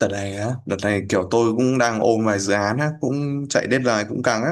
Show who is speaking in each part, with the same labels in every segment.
Speaker 1: Đợt này á, đợt này kiểu tôi cũng đang ôm vài dự án á, cũng chạy deadline cũng căng á.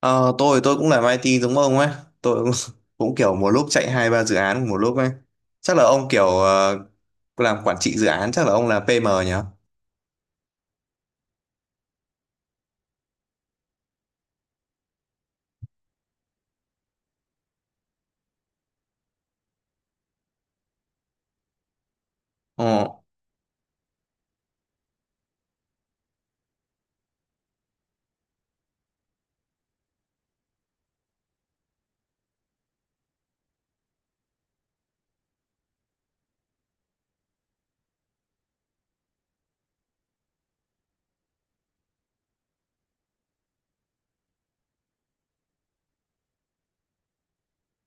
Speaker 1: Tôi cũng làm IT giống ông ấy, tôi cũng, cũng kiểu một lúc chạy hai ba dự án một lúc ấy. Chắc là ông kiểu làm quản trị dự án, chắc là ông là PM nhỉ? Ờ,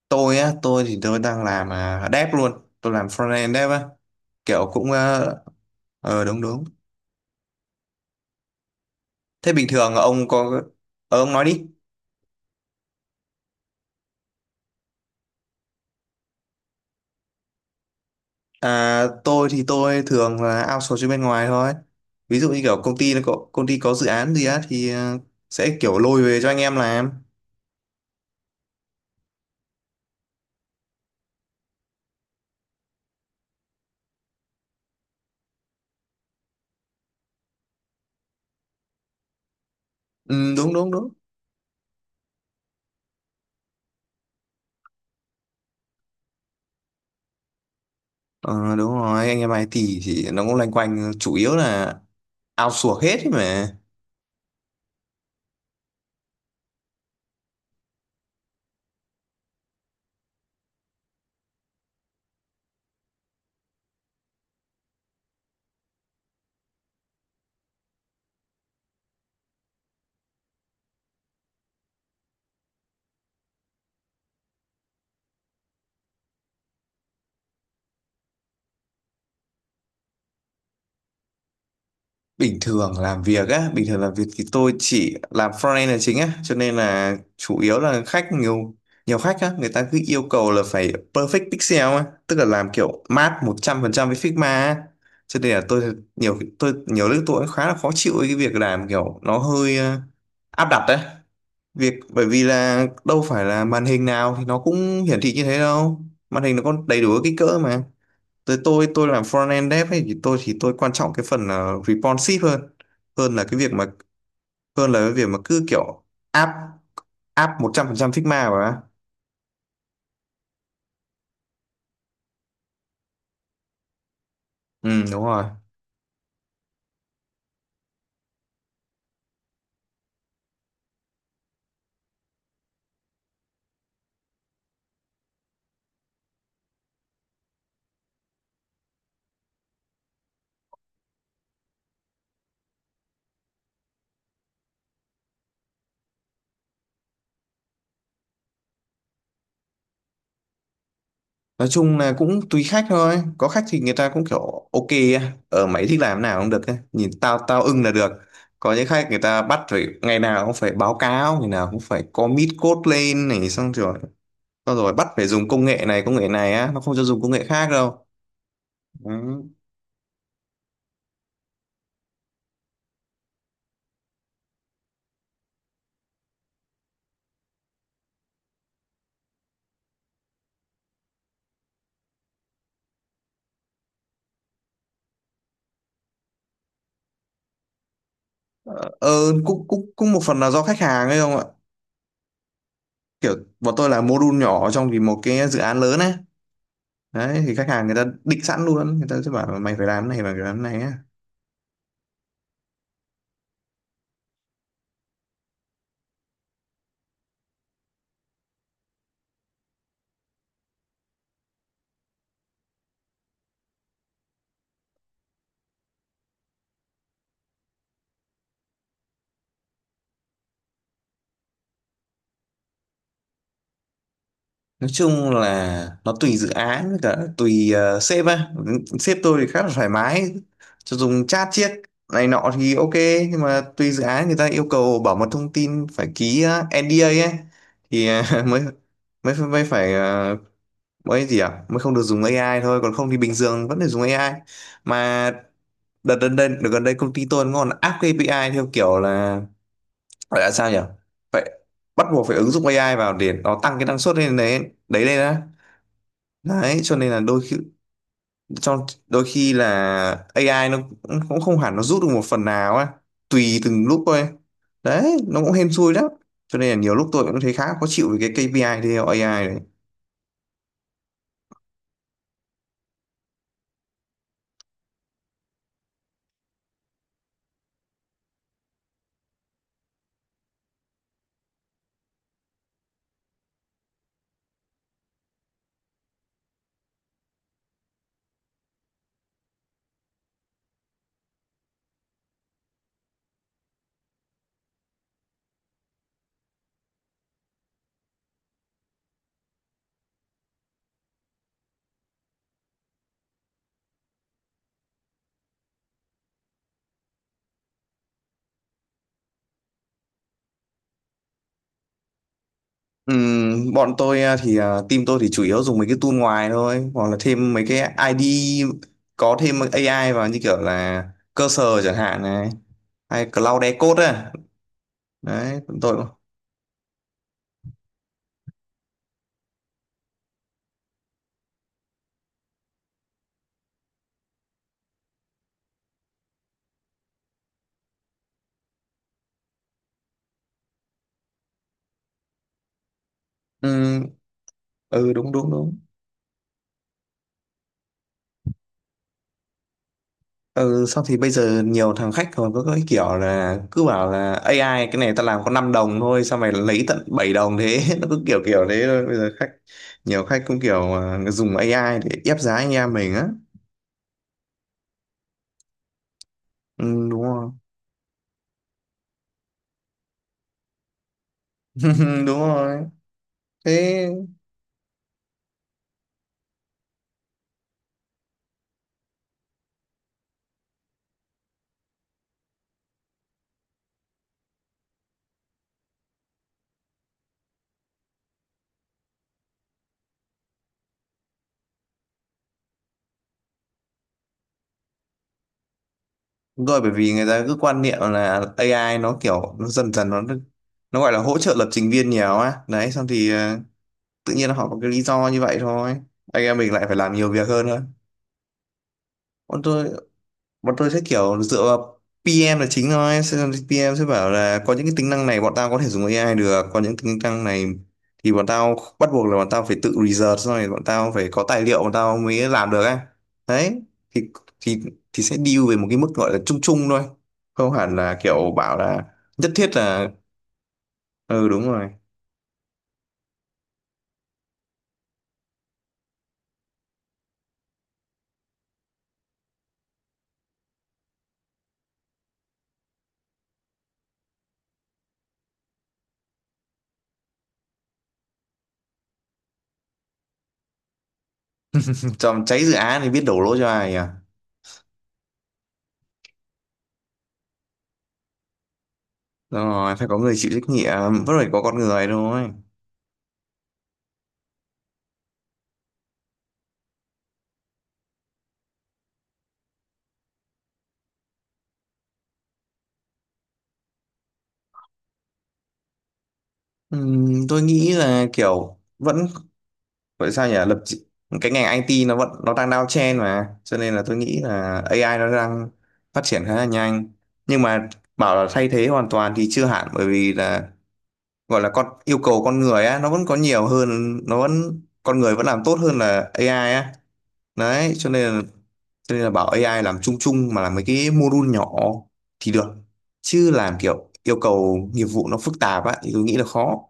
Speaker 1: tôi á, tôi thì tôi đang làm dev luôn, tôi làm frontend dev á, kiểu cũng đúng đúng. Thế bình thường ông có, ông nói đi. À, tôi thì tôi thường là outsource cho bên ngoài thôi. Ví dụ như kiểu công ty có dự án gì á thì sẽ kiểu lôi về cho anh em làm. Ừ, đúng đúng đúng. Ờ, đúng rồi, anh em IT thì nó cũng loanh quanh chủ yếu là outsource hết ấy mà. Bình thường làm việc á bình thường làm việc thì tôi chỉ làm frontend là chính á, cho nên là chủ yếu là khách nhiều, nhiều khách á, người ta cứ yêu cầu là phải perfect pixel á, tức là làm kiểu mát 100% với Figma á, cho nên là tôi nhiều lúc tôi cũng khá là khó chịu với cái việc làm kiểu nó hơi áp đặt đấy việc, bởi vì là đâu phải là màn hình nào thì nó cũng hiển thị như thế đâu, màn hình nó có đầy đủ các kích cỡ mà. Tới tôi làm front end dev ấy thì tôi quan trọng cái phần là responsive hơn, hơn là cái việc mà hơn là cái việc mà cứ kiểu áp áp 100% Figma mà. Ừ, đúng rồi. Nói chung là cũng tùy khách thôi, có khách thì người ta cũng kiểu ok á. Ở, mày thích làm nào cũng được ấy, nhìn tao tao ưng là được. Có những khách người ta bắt phải ngày nào cũng phải báo cáo, ngày nào cũng phải commit code lên này, xong rồi bắt phải dùng công nghệ này, công nghệ này á, nó không cho dùng công nghệ khác đâu. Ừ. Ờ, ừ, cũng cũng cũng một phần là do khách hàng ấy không ạ, kiểu bọn tôi là module nhỏ trong thì một cái dự án lớn ấy, đấy thì khách hàng người ta định sẵn luôn, người ta sẽ bảo là mày phải làm cái này, mày phải làm cái này á. Nói chung là nó tùy dự án với cả tùy sếp á, sếp tôi thì khá là thoải mái, cho dùng chat chiếc này nọ thì ok, nhưng mà tùy dự án người ta yêu cầu bảo mật thông tin, phải ký NDA ấy, thì mới mới mới phải mới gì ạ, mới không được dùng AI thôi, còn không thì bình thường vẫn phải dùng AI mà. Đợt gần đây công ty tôi nó còn áp cái API theo kiểu là, gọi là sao nhỉ, phải bắt buộc phải ứng dụng AI vào để nó tăng cái năng suất lên đấy, đấy lên á. Đấy cho nên là đôi khi, trong đôi khi là AI nó cũng cũng không hẳn nó rút được một phần nào á, tùy từng lúc thôi, đấy nó cũng hên xui lắm. Cho nên là nhiều lúc tôi cũng thấy khá khó chịu với cái KPI theo AI này. Bọn tôi à, thì à, team tôi thì chủ yếu dùng mấy cái tool ngoài thôi, hoặc là thêm mấy cái ID có thêm AI vào, như kiểu là cursor chẳng hạn này, hay cloud decode ấy. Đấy bọn tôi. Ừm, ừ, đúng đúng đúng. Ừ, sau thì bây giờ nhiều thằng khách còn có cái kiểu là cứ bảo là AI cái này ta làm có 5 đồng thôi sao mày lấy tận 7 đồng thế. Nó cứ kiểu kiểu thế thôi. Bây giờ nhiều khách cũng kiểu dùng AI để ép giá anh em mình á. Ừ, đúng rồi. Đúng rồi. Thế đúng rồi, bởi vì người ta cứ quan niệm là AI nó kiểu, nó dần dần nó gọi là hỗ trợ lập trình viên nhiều á, đấy xong thì tự nhiên họ có cái lý do như vậy thôi, anh em mình lại phải làm nhiều việc hơn nữa. Còn tôi, bọn tôi sẽ kiểu dựa vào PM là chính thôi, PM sẽ bảo là có những cái tính năng này bọn tao có thể dùng AI được, có những tính năng này thì bọn tao bắt buộc là bọn tao phải tự research, xong rồi bọn tao phải có tài liệu, bọn tao mới làm được ấy. Đấy thì thì thì sẽ deal về một cái mức gọi là chung chung thôi, không hẳn là kiểu bảo là nhất thiết là. Ừ, đúng rồi. Trong cháy dự án thì biết đổ lỗi cho ai à. Đúng rồi, phải có người chịu trách nhiệm, vẫn phải có con người thôi. Tôi nghĩ là kiểu vẫn vậy sao nhỉ, cái ngành IT nó vẫn, nó đang downtrend mà, cho nên là tôi nghĩ là AI nó đang phát triển khá là nhanh, nhưng mà bảo là thay thế hoàn toàn thì chưa hẳn, bởi vì là gọi là yêu cầu con người á nó vẫn có nhiều hơn, nó vẫn con người vẫn làm tốt hơn là AI á. Đấy cho nên là bảo AI làm chung chung mà làm mấy cái module nhỏ thì được, chứ làm kiểu yêu cầu nghiệp vụ nó phức tạp á thì tôi nghĩ là khó.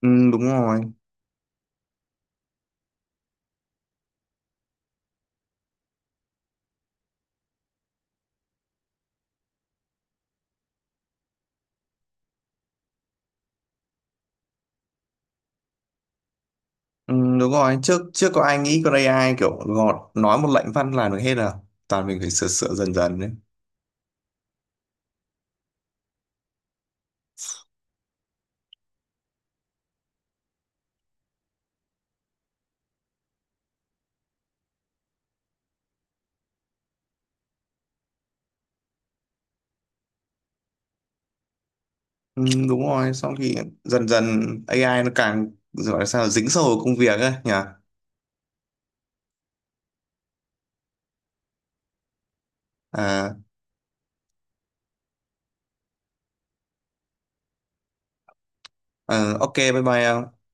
Speaker 1: Ừ, đúng rồi. Ừ, đúng rồi, trước trước có ai nghĩ con AI kiểu gọt, nói một lệnh văn làm được hết à, toàn mình phải sửa sửa dần dần đấy. Ừ, đúng rồi, xong thì dần dần AI nó càng gọi là sao dính sâu vào công việc ấy nhỉ. à, ờ, ok, bye bye em.